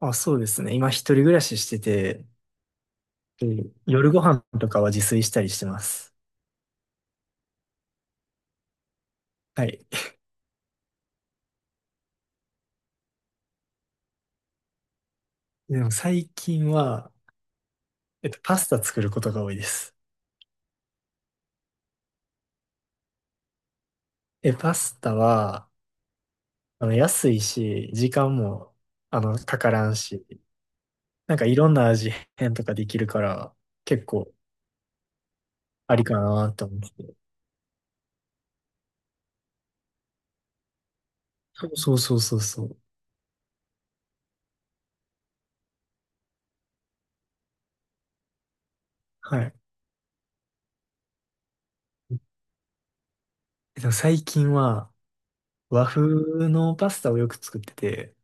あ、そうですね。今一人暮らししてて、で夜ご飯とかは自炊したりしてます。はい。でも最近は、パスタ作ることが多いです。え、パスタは、安いし、時間も、かからんし、なんかいろんな味変とかできるから、結構ありかなと思って。そうそうそうそうそう。はい。最近は、和風のパスタをよく作ってて、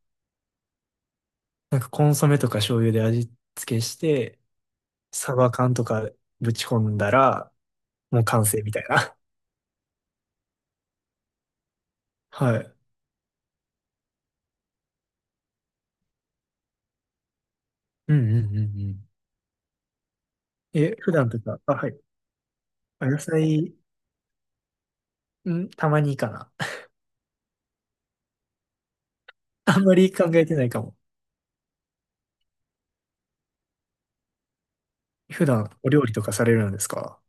なんかコンソメとか醤油で味付けして、サバ缶とかぶち込んだら、もう完成みたいな。はい。うんうんうんうん。え、普段とか、あ、はい。あ野菜、ん、たまにかな。あんまり考えてないかも。普段お料理とかされるんですか？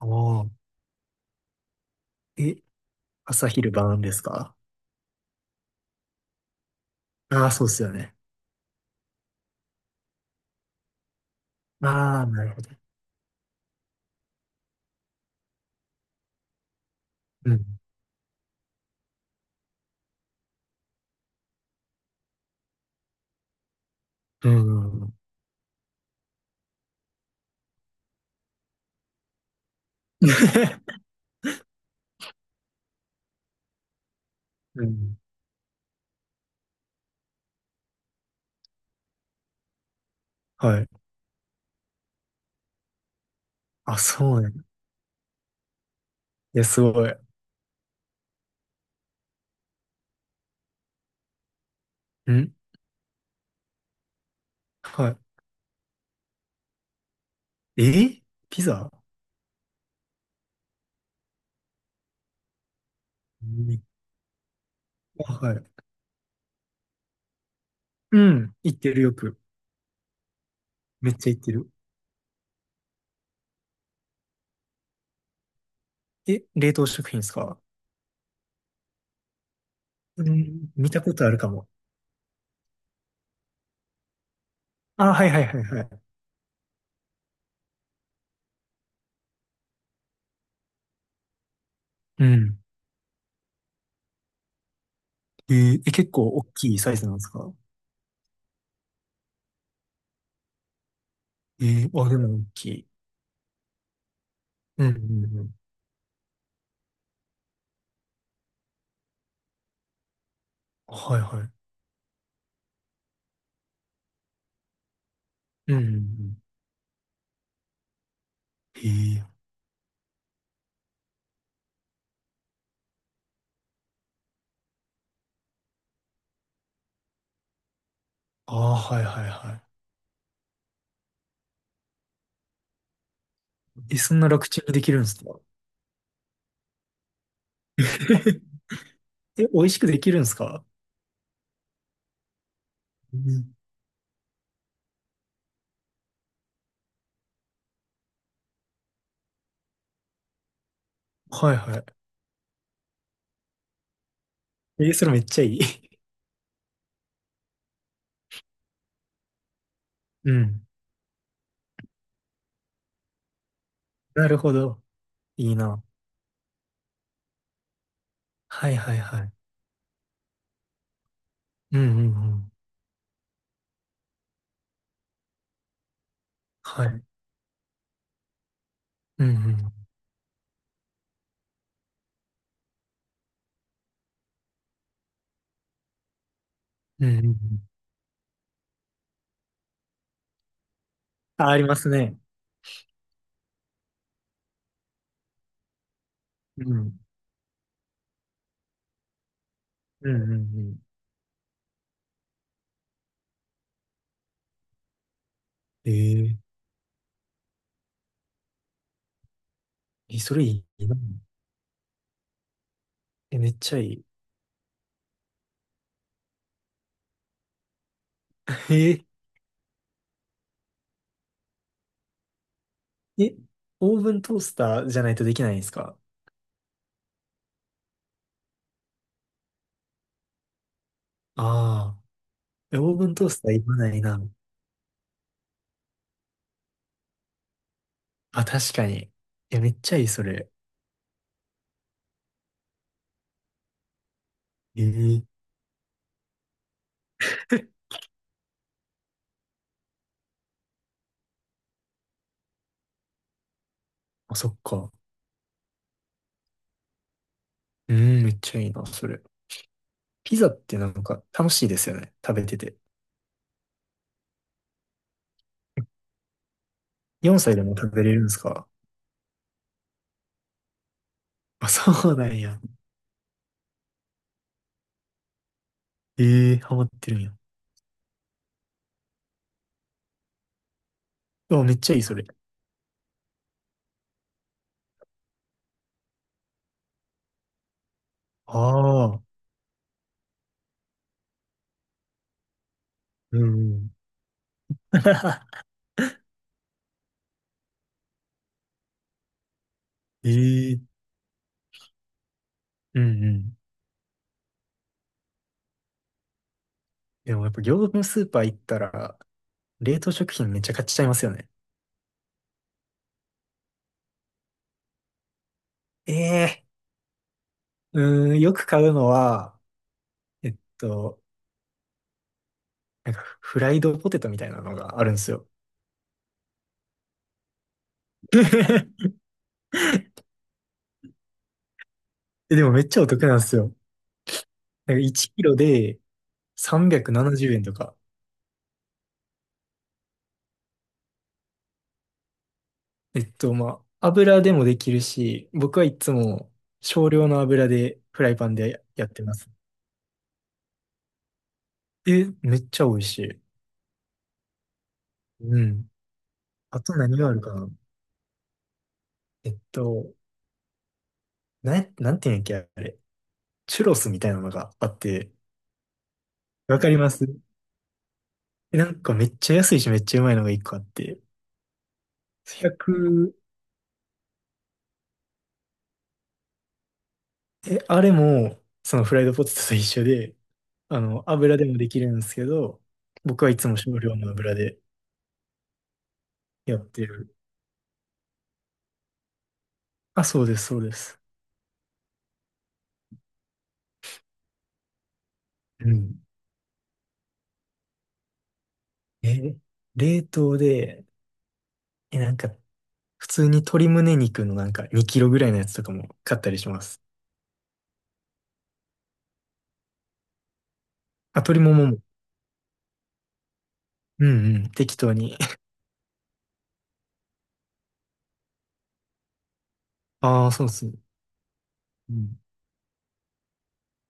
ああ。え、朝昼晩ですか？ああー、そうですよね。ああ、なるほど。うん。うん。うん。うん。はい。あ、そうね。いや、すごい。んはい。えピザ？うんあはい。うん。行ってるよく。めっちゃ行ってる。え、冷凍食品ですか？うん、見たことあるかも。あ、はいはいはいはい。うん。え、結構大きいサイズなんですか？えー、あ、でも大きい。うんうんうん。はいはい。うんうんうん。ええああー、はいはいはい。え、そんな楽ちんにできるんですか？ え、美味しくできるんですか？うん。はいはい。えそれめっちゃいい。うん。なるほど。いいな。はいはいはい。うんうんうん。はい。うんうん。うんうんうん。あ、ありますね。うん。うん、うん、うん。えええ、それいいな。え、めっちゃいい。ええ、オーブントースターじゃないとできないんですか？ああー、え、オーブントースターいらないな。あ、確かに。え、めっちゃいい、それ。ええ あ、そっか。うん、めっちゃいいな、それ。ピザってなんか楽しいですよね。食べてて。4歳でも食べれるんですか？あ、そうなんや。ええハマってるんや。あ、めっちゃいい、それ。ああ、うんうん。ええー、うんうん。でもやっぱ業務スーパー行ったら、冷凍食品めっちゃ買っちゃいますよね。ええうーん、よく買うのは、えっと、なんかフライドポテトみたいなのがあるんですよ。えでもめっちゃお得なんですよ。なんか1キロで370円とか。まあ、油でもできるし、僕はいつも少量の油でフライパンでやってます。え、めっちゃ美味しい。うん。あと何があるかな？えっと、なんていうんやっけ、あれ。チュロスみたいなのがあって、わかります？えなんかめっちゃ安いしめっちゃうまいのが一個あって、100、え、あれも、そのフライドポテトと一緒で、油でもできるんですけど、僕はいつも少量の油でやってる。あ、そうです、そうです。うん。え、冷凍で、え、なんか、普通に鶏胸肉のなんか2キロぐらいのやつとかも買ったりします。あ、鶏ももも。うんうん、適当に。ああ、そうっす。うん。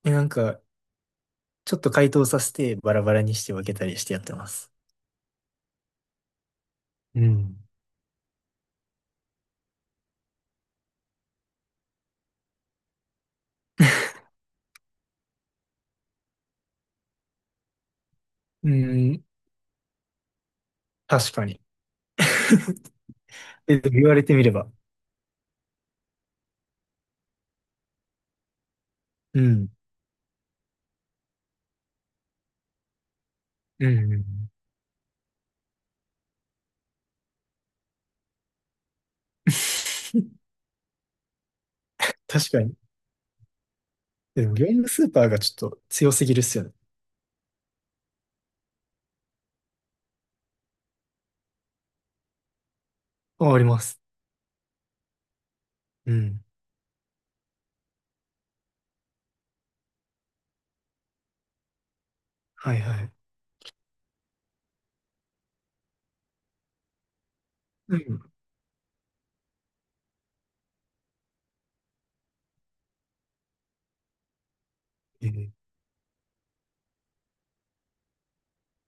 え、なんか、ちょっと解凍させてバラバラにして分けたりしてやってます。うん。うん、確かに。え、でも言われてみれば。うん。うん。うん 確かに。でも業務スーパーがちょっと強すぎるっすよね。あ、あります。うん。はいはい。うん。えー、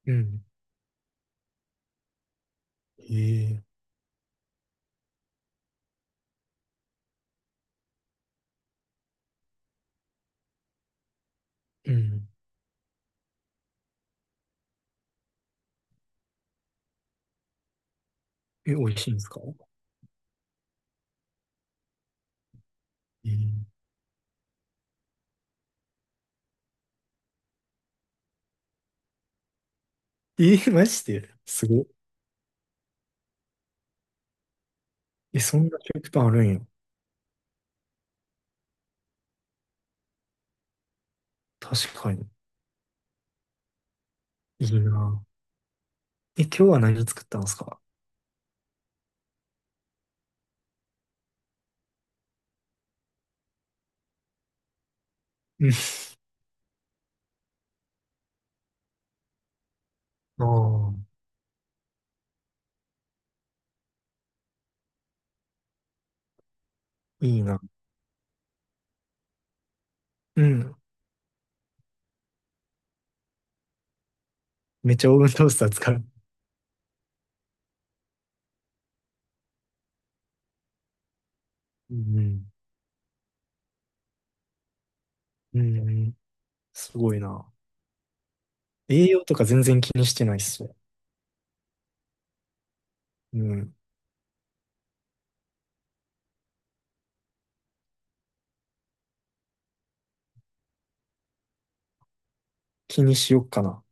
うん。えーうん。え、美味しいんですか？えーえーマジですごい。え、そんな食パンあるんや。確かに。いいな。え、今日は何作ったんですか？うん。ああ、いいな。うん。めっちゃオーブントースター使う。うん。うん。うんすごいな。栄養とか全然気にしてないっすね。うん。気にしよっかな。